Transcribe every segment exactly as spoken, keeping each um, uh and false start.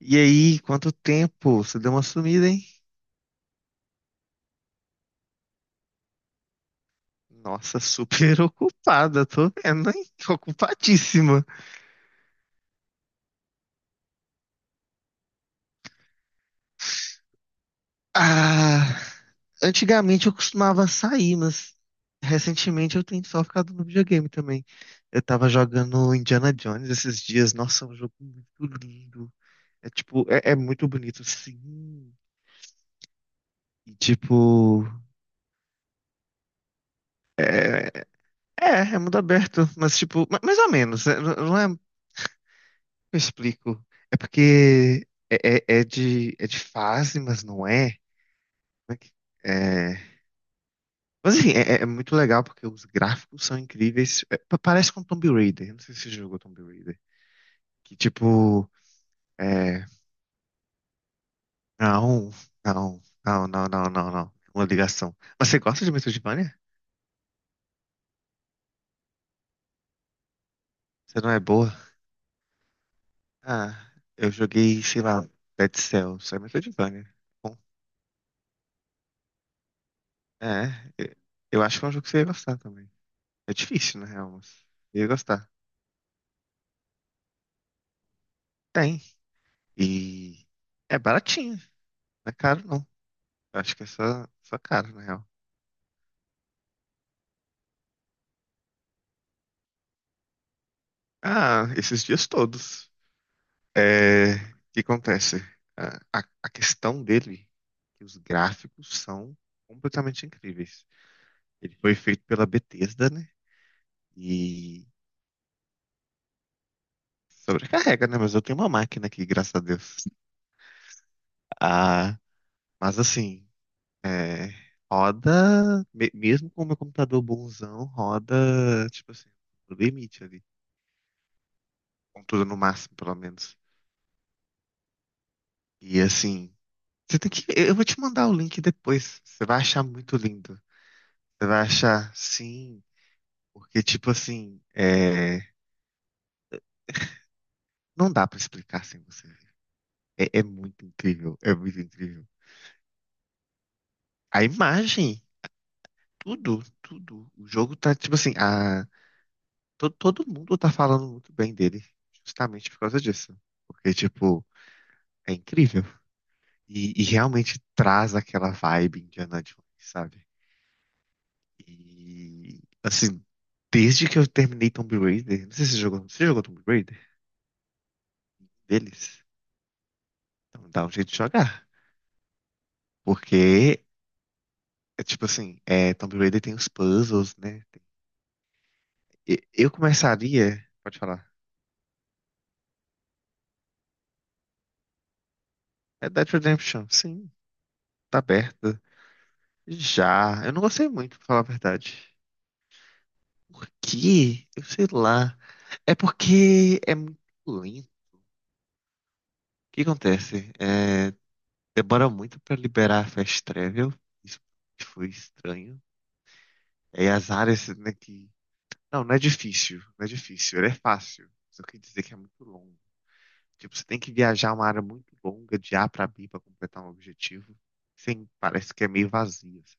E aí, quanto tempo? Você deu uma sumida, hein? Nossa, super ocupada, tô vendo, hein? Tô ocupadíssima. Ah, antigamente eu costumava sair, mas recentemente eu tenho só ficado no videogame também. Eu tava jogando Indiana Jones esses dias. Nossa, é um jogo muito lindo. É tipo, é, é muito bonito, sim. E tipo, é, é é mundo aberto, mas tipo, ma- mais ou menos, né? Não não é. Eu explico. É porque é, é, é de, é de fase, mas não é. Como é que- é- Mas assim é, é- é muito legal porque os gráficos são incríveis. É, pa- parece com Tomb Raider. Eu não sei se você jogou Tomb Raider. Que tipo. É... Não, não, não, não, não, não, não. Uma ligação. Mas você gosta de Metroidvania? Você não é boa? Ah, eu joguei, sei lá, Dead Cells. É Metroidvania. Bom, é. Eu eu acho que é um jogo que você ia gostar também. É difícil, na real, mas eu ia gostar. Tem. E é baratinho, não é caro não. Acho que é só, só caro, na real. Ah, esses dias todos. É, o que acontece? A, a, a questão dele, que os gráficos são completamente incríveis. Ele foi feito pela Bethesda, né? E sobrecarrega, né? Mas eu tenho uma máquina aqui, graças a Deus. Ah, mas assim, é, roda, me- mesmo com o meu computador bonzão, roda, tipo assim, no limite ali. Contudo, no máximo, pelo menos. E assim, você tem que. Eu vou te mandar o link depois. Você vai achar muito lindo. Você vai achar, sim, porque, tipo assim, é, não dá pra explicar sem você ver. É, é muito incrível, é muito incrível. A imagem, tudo, tudo. O jogo tá, tipo assim, a... todo, todo mundo tá falando muito bem dele, justamente por causa disso. Porque, tipo, é incrível. E, e realmente traz aquela vibe Indiana Jones, sabe? E, assim, desde que eu terminei Tomb Raider, não sei se você jogou, você jogou Tomb Raider deles? Então dá um jeito de jogar. Porque, é tipo assim, é, Tomb Raider tem os puzzles, né? E- Eu começaria, pode falar, é Dead Redemption, sim, tá aberta. Já, eu não gostei muito, pra falar a verdade. Por quê? Eu sei lá. É porque é muito lento. O que acontece? É, demora muito pra liberar a Fast Travel. Isso foi estranho. É as áreas, né, que... Não, não é difícil, não é difícil, ele é fácil. Só quer dizer que é muito longo. Tipo, você tem que viajar uma área muito longa de A pra B pra completar um objetivo. Sim, parece que é meio vazio, sabe?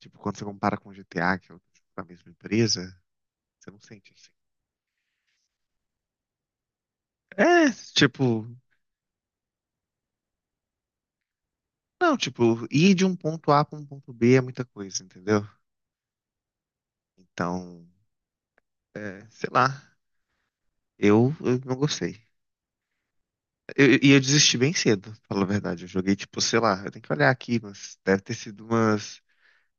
Tipo, quando você compara com G T A, que é outro tipo da mesma empresa, você não sente assim. É, tipo, não, tipo, ir de um ponto A pra um ponto B é muita coisa, entendeu? Então, é, sei lá, eu, eu não gostei. Eu- E eu, desisti bem cedo, falo a verdade. Eu joguei, tipo, sei lá, eu tenho que olhar aqui, mas deve ter sido umas.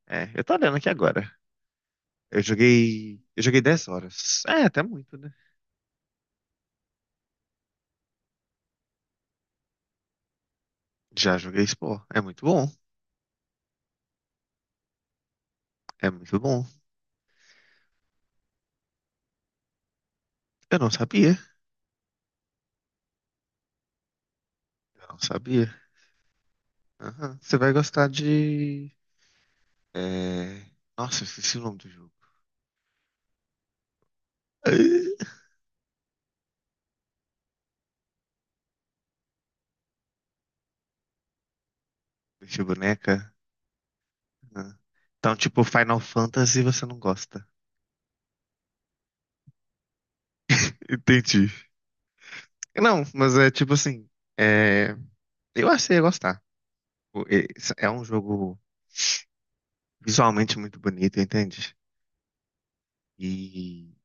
É, eu tô olhando aqui agora. Eu joguei. Eu joguei dez horas. É, até muito, né? Já joguei Spore. É muito bom. É muito bom. Eu não sabia. Eu não sabia. Aham. Você vai gostar de. É... Nossa, eu esqueci o nome do jogo. Deixa boneca. Aham. Então, tipo, Final Fantasy você não gosta. Entendi. Não, mas é tipo assim. É... Eu achei eu gostar. O- e- É um jogo visualmente muito bonito, entende? E,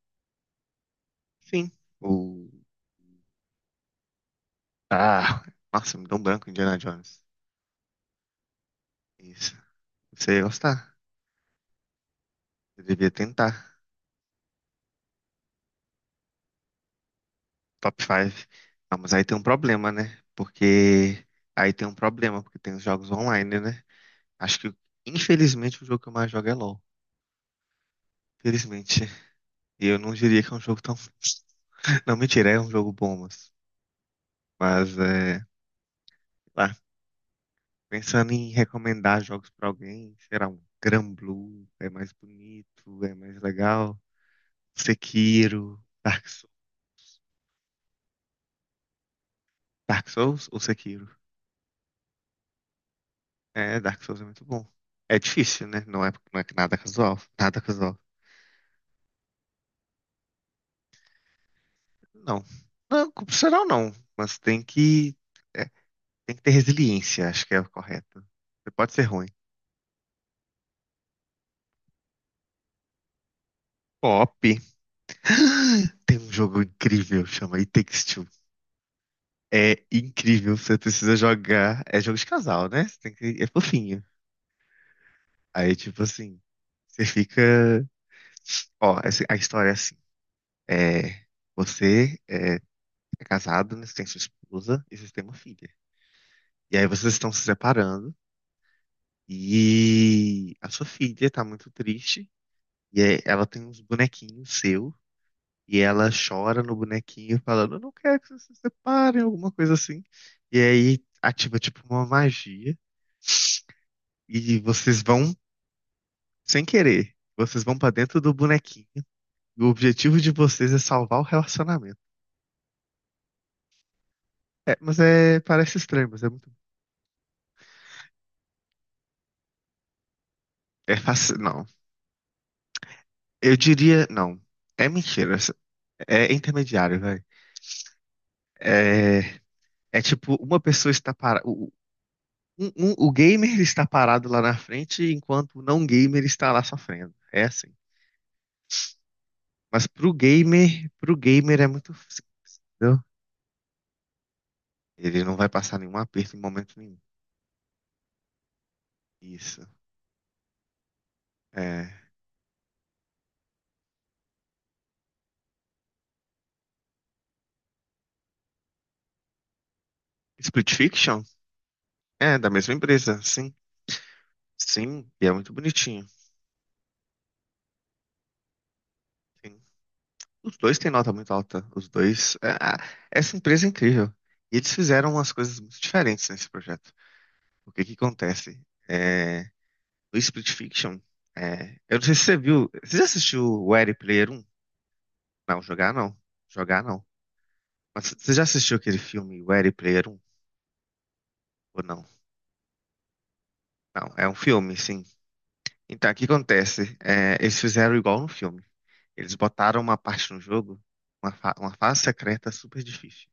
sim, o... Ah, nossa, me deu um branco Indiana Jones. Isso. Você ia gostar. Você devia tentar. Top cinco. Ah, mas aí tem um problema, né? Porque... Aí tem um problema, porque tem os jogos online, né? Acho que, infelizmente, o jogo que eu mais jogo é LoL. Infelizmente. E eu não diria que é um jogo tão... Não, mentira, é um jogo bom, mas... Mas, é... lá, Pensando em recomendar jogos pra alguém, será um Granblue, é mais bonito, é mais legal. Sekiro, Dark, Sou- Dark Souls ou Sekiro? É, Dark Souls é muito bom. É difícil, né? Não é, não é nada casual, nada casual. Não, não, profissional não, mas tem que, é, tem que ter resiliência, acho que é o correto. Você pode ser ruim. Pop. Tem um jogo incrível, chama It Takes Two. É incrível, você precisa jogar. É jogo de casal, né? Você tem que... É fofinho. Aí, tipo assim, você fica. Ó, essa- a história é assim. É... Você é é casado, né? Você tem sua esposa e você tem uma filha. E aí vocês estão se separando e a sua filha tá muito triste. E aí ela tem uns bonequinhos seu e ela chora no bonequinho falando, eu não quero que vocês se separem, alguma coisa assim. E aí ativa tipo uma magia. E vocês vão, sem querer, vocês vão pra dentro do bonequinho. E o objetivo de vocês é salvar o relacionamento. É, mas é, parece estranho, mas é muito. É fácil, não. Eu diria, não. É mentira. É intermediário, velho. É, é tipo, uma pessoa está parada. O, um- um- o gamer está parado lá na frente, enquanto o não gamer está lá sofrendo. É assim. Mas pro gamer, pro gamer é muito fácil, entendeu? Ele não vai passar nenhum aperto em momento nenhum. Isso. É. Split Fiction? É, da mesma empresa, sim. Sim, e é muito bonitinho. Sim. Os dois têm nota muito alta. Os dois. é, a- essa empresa é incrível. E eles fizeram umas coisas muito diferentes nesse projeto. O que que acontece? É, no Split Fiction, é, eu não sei se você viu. Você já assistiu o Ready Player um? Não, jogar não. Jogar não. Mas você já assistiu aquele filme Ready Player um, ou não? Não, é um filme, sim. Então, o que acontece? É, eles fizeram igual no filme. Eles botaram uma parte no jogo, uma, fa- uma fase secreta super difícil.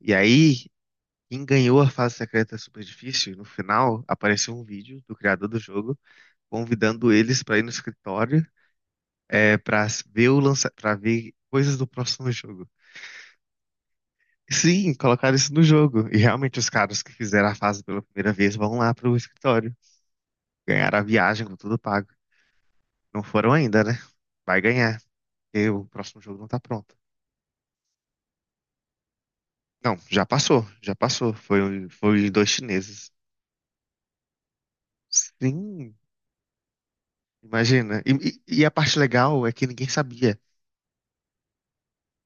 E aí, quem ganhou a fase secreta super difícil, no final, apareceu um vídeo do criador do jogo convidando eles pra ir no escritório, é, para ver o lança para ver coisas do próximo jogo. Sim, colocaram isso no jogo. E realmente os caras que fizeram a fase pela primeira vez vão lá pro escritório. Ganharam a viagem com tudo pago. Não foram ainda, né? Vai ganhar, porque o próximo jogo não tá pronto. Não, já passou, já passou. Foi, foi dois chineses. Sim, imagina. E, e- e a parte legal é que ninguém sabia.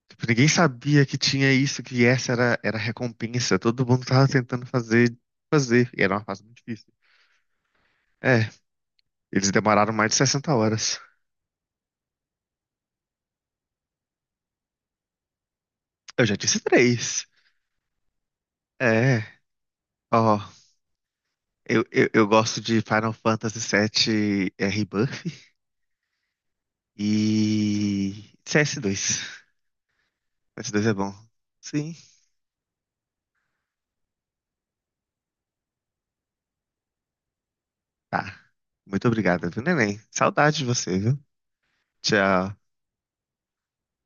Tipo, ninguém sabia que tinha isso, que essa era, era a recompensa. Todo mundo tava tentando fazer, fazer. E era uma fase muito difícil. É, eles demoraram mais de sessenta horas. Eu já disse três. É, ó. Eu, eu, eu gosto de Final Fantasy sete, é, Rebirth e C S dois. C S dois é bom. Sim. Tá. Muito obrigada, viu, neném? Saudade de você, viu? Tchau.